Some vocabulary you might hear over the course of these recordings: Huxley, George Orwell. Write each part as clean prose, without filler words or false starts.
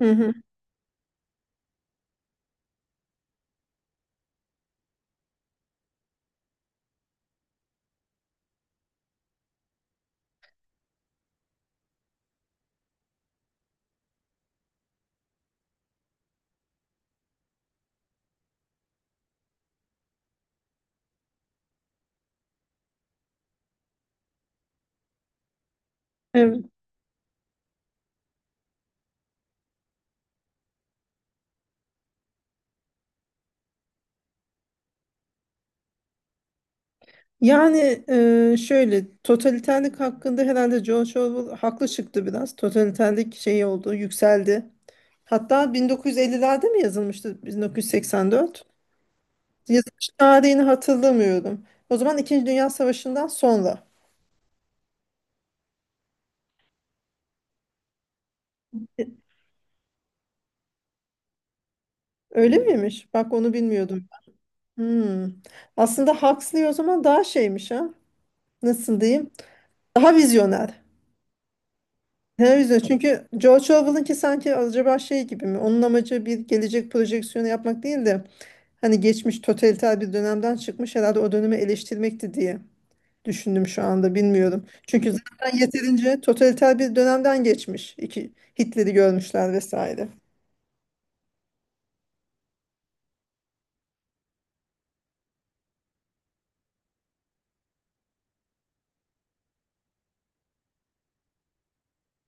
Hı hı. Evet. Yani Şöyle totaliterlik hakkında herhalde George Orwell haklı çıktı biraz. Totaliterlik şey oldu, yükseldi. Hatta 1950'lerde mi yazılmıştı? 1984. Yazılış tarihini hatırlamıyorum. O zaman İkinci Dünya Savaşı'ndan sonra. E, Öyle miymiş? Bak onu bilmiyordum. Hmm. Aslında Huxley o zaman daha şeymiş ha. Nasıl diyeyim? Daha vizyoner. Daha vizyoner. Çünkü George Orwell'ınki sanki acaba şey gibi mi? Onun amacı bir gelecek projeksiyonu yapmak değil de hani geçmiş totaliter bir dönemden çıkmış herhalde o dönemi eleştirmekti diye düşündüm şu anda bilmiyorum. Çünkü zaten yeterince totaliter bir dönemden geçmiş. İki, Hitler'i görmüşler vesaire.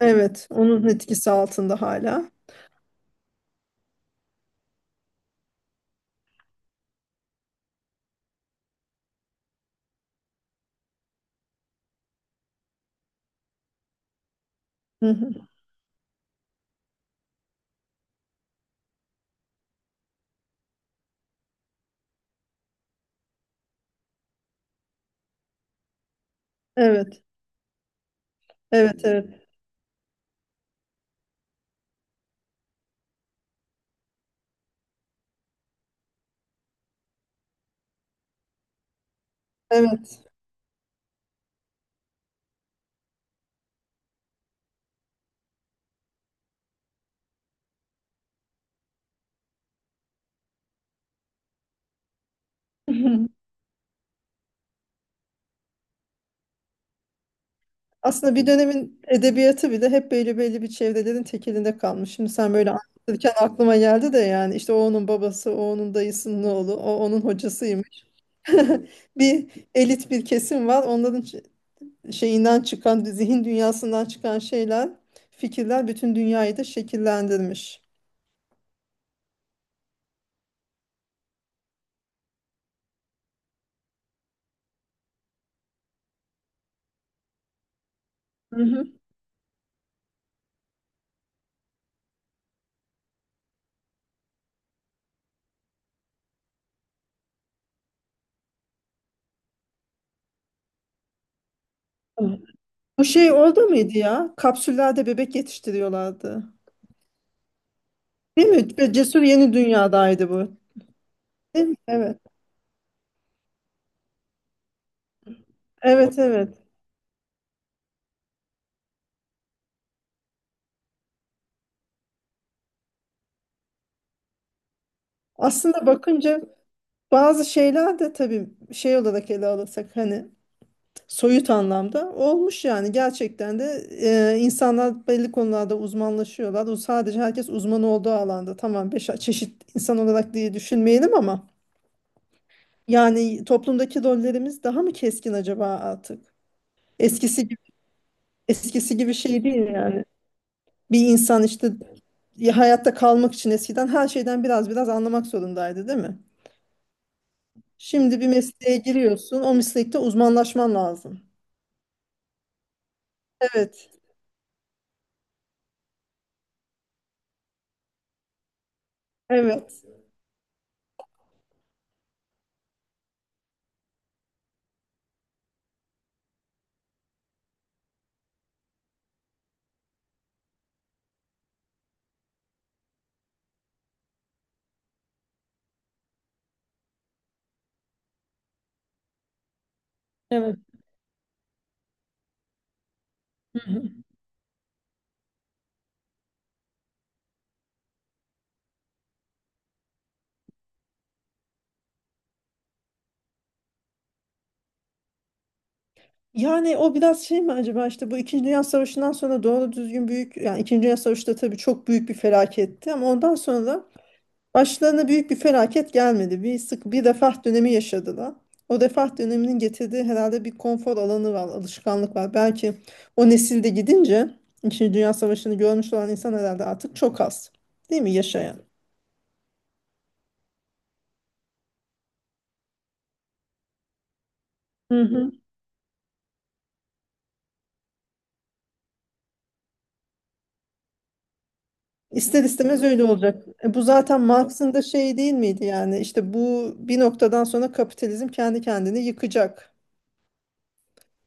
Evet, onun etkisi altında hala. Hı hı. Evet, evet, evet, evet. Aslında bir dönemin edebiyatı bile hep belli bir çevrelerin tekelinde kalmış. Şimdi sen böyle anlatırken aklıma geldi de yani işte o onun babası, o onun dayısının oğlu, o onun hocasıymış. Bir elit bir kesim var. Şeyinden çıkan, zihin dünyasından çıkan şeyler, fikirler bütün dünyayı da şekillendirmiş. Hı hı. Bu şey oldu muydu ya? Kapsüllerde bebek yetiştiriyorlardı. Evet ve Cesur Yeni Dünya'daydı bu. Değil mi? Evet. Evet evet. Aslında bakınca bazı şeyler de tabii şey olarak ele alırsak hani soyut anlamda olmuş yani gerçekten de insanlar belli konularda uzmanlaşıyorlar. O sadece herkes uzman olduğu alanda tamam beş çeşit insan olarak diye düşünmeyelim ama yani toplumdaki rollerimiz daha mı keskin acaba artık? Eskisi gibi eskisi gibi şey değil yani. Bir insan işte ya hayatta kalmak için eskiden her şeyden biraz anlamak zorundaydı, değil mi? Şimdi bir mesleğe giriyorsun, o meslekte uzmanlaşman lazım. Evet, evet, evet. Hı hı. Yani o biraz şey mi acaba işte bu İkinci Dünya Savaşı'ndan sonra doğru düzgün büyük yani İkinci Dünya Savaşı da tabii çok büyük bir felaketti ama ondan sonra başlarına büyük bir felaket gelmedi. Bir sık bir refah dönemi yaşadılar. O refah döneminin getirdiği herhalde bir konfor alanı var, alışkanlık var. Belki o nesilde gidince İkinci Dünya Savaşı'nı görmüş olan insan herhalde artık çok az. Değil mi yaşayan? Hı hı. İster istemez öyle olacak. E, bu zaten Marx'ın da şey değil miydi yani işte bu bir noktadan sonra kapitalizm kendi kendini yıkacak.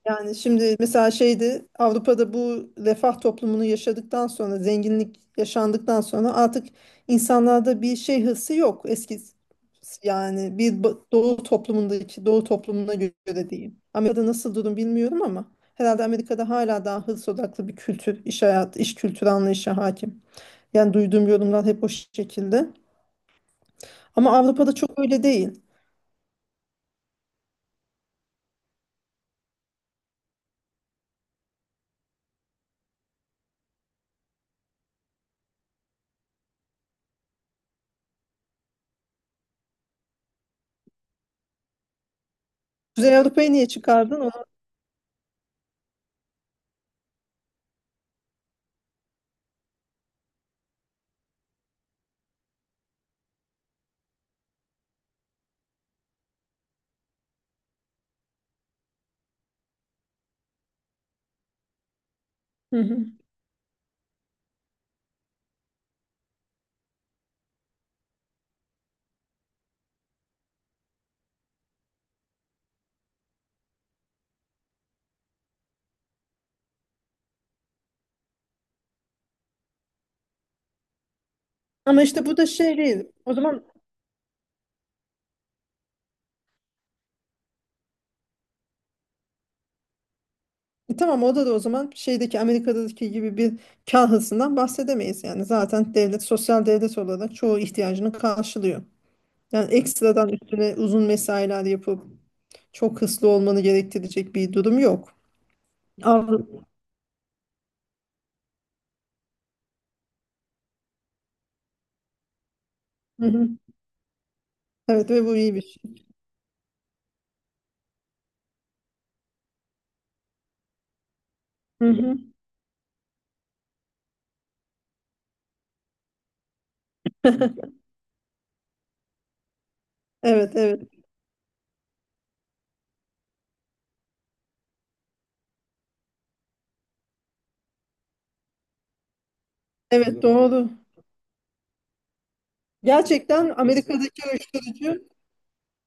Yani şimdi mesela şeydi Avrupa'da bu refah toplumunu yaşadıktan sonra zenginlik yaşandıktan sonra artık insanlarda bir şey hırsı yok eski yani doğu toplumundaki doğu toplumuna göre diyeyim. Amerika'da nasıl durum bilmiyorum ama herhalde Amerika'da hala daha hırs odaklı bir kültür, iş hayatı, iş kültürü anlayışı hakim. Yani duyduğum yorumlar hep o şekilde. Ama Avrupa'da çok öyle değil. Kuzey Avrupa'yı niye çıkardın? Onu... Hı hı. Ama işte bu da şey değil. Tamam o da o zaman şeydeki Amerika'daki gibi bir kar hırsından bahsedemeyiz. Yani zaten devlet sosyal devlet olarak çoğu ihtiyacını karşılıyor. Yani ekstradan üstüne uzun mesailer yapıp çok hırslı olmanı gerektirecek bir durum yok. Avru- Hı hı. Evet ve bu iyi bir şey. Hı hı. Evet evet. Evet doğru. Gerçekten Amerika'daki uyuşturucu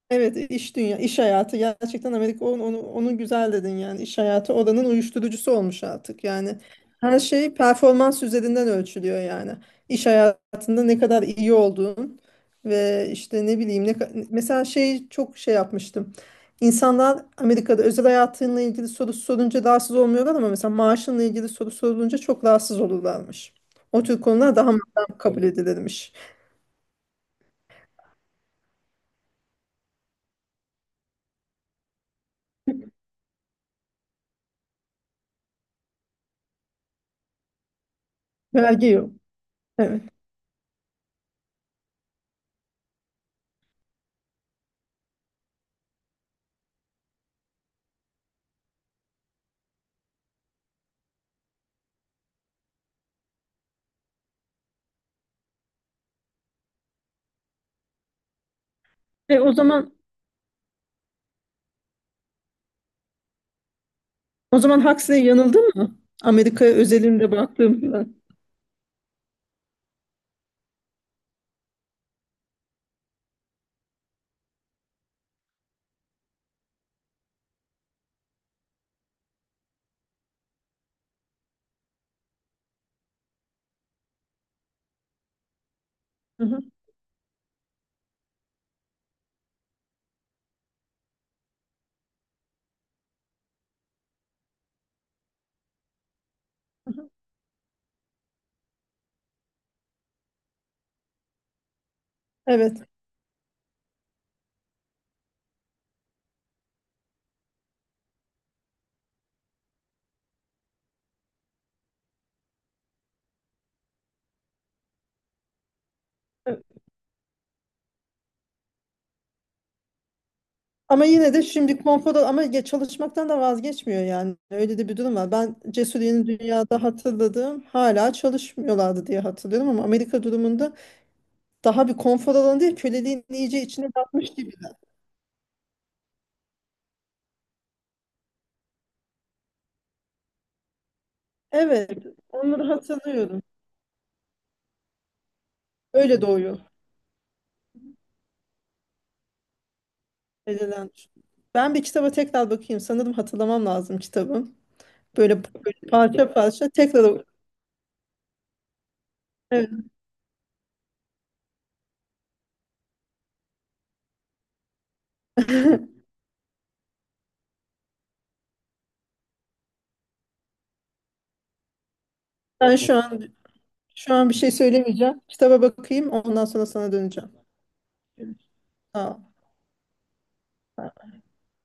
evet iş hayatı gerçekten Amerika onu güzel dedin yani iş hayatı oranın uyuşturucusu olmuş artık yani her şey performans üzerinden ölçülüyor yani iş hayatında ne kadar iyi olduğun ve işte ne bileyim mesela şey çok şey yapmıştım. İnsanlar Amerika'da özel hayatınla ilgili soru sorunca rahatsız olmuyorlar ama mesela maaşınla ilgili soru sorulunca çok rahatsız olurlarmış, o tür konular daha maddem kabul edilirmiş. Vergi yok, evet. E, o zaman O zaman Huxley yanıldı mı? Amerika özelinde baktığımda. Hı hı, hı hı. Evet. Evet. Ama yine de şimdi konfoda ama ya çalışmaktan da vazgeçmiyor yani. Öyle de bir durum var. Ben Cesur Dünya'da hatırladığım hala çalışmıyorlardı diye hatırlıyorum ama Amerika durumunda daha bir konfor alanı değil köleliğin iyice içine batmış gibi. Evet. Onları hatırlıyorum. Öyle doğuyor. Edilen. Ben bir kitaba tekrar bakayım. Sanırım hatırlamam lazım kitabı. Böyle, böyle parça parça tekrar evet. Ben şu an bir şey söylemeyeceğim. Kitaba bakayım, ondan sonra sana döneceğim. Sağ ol.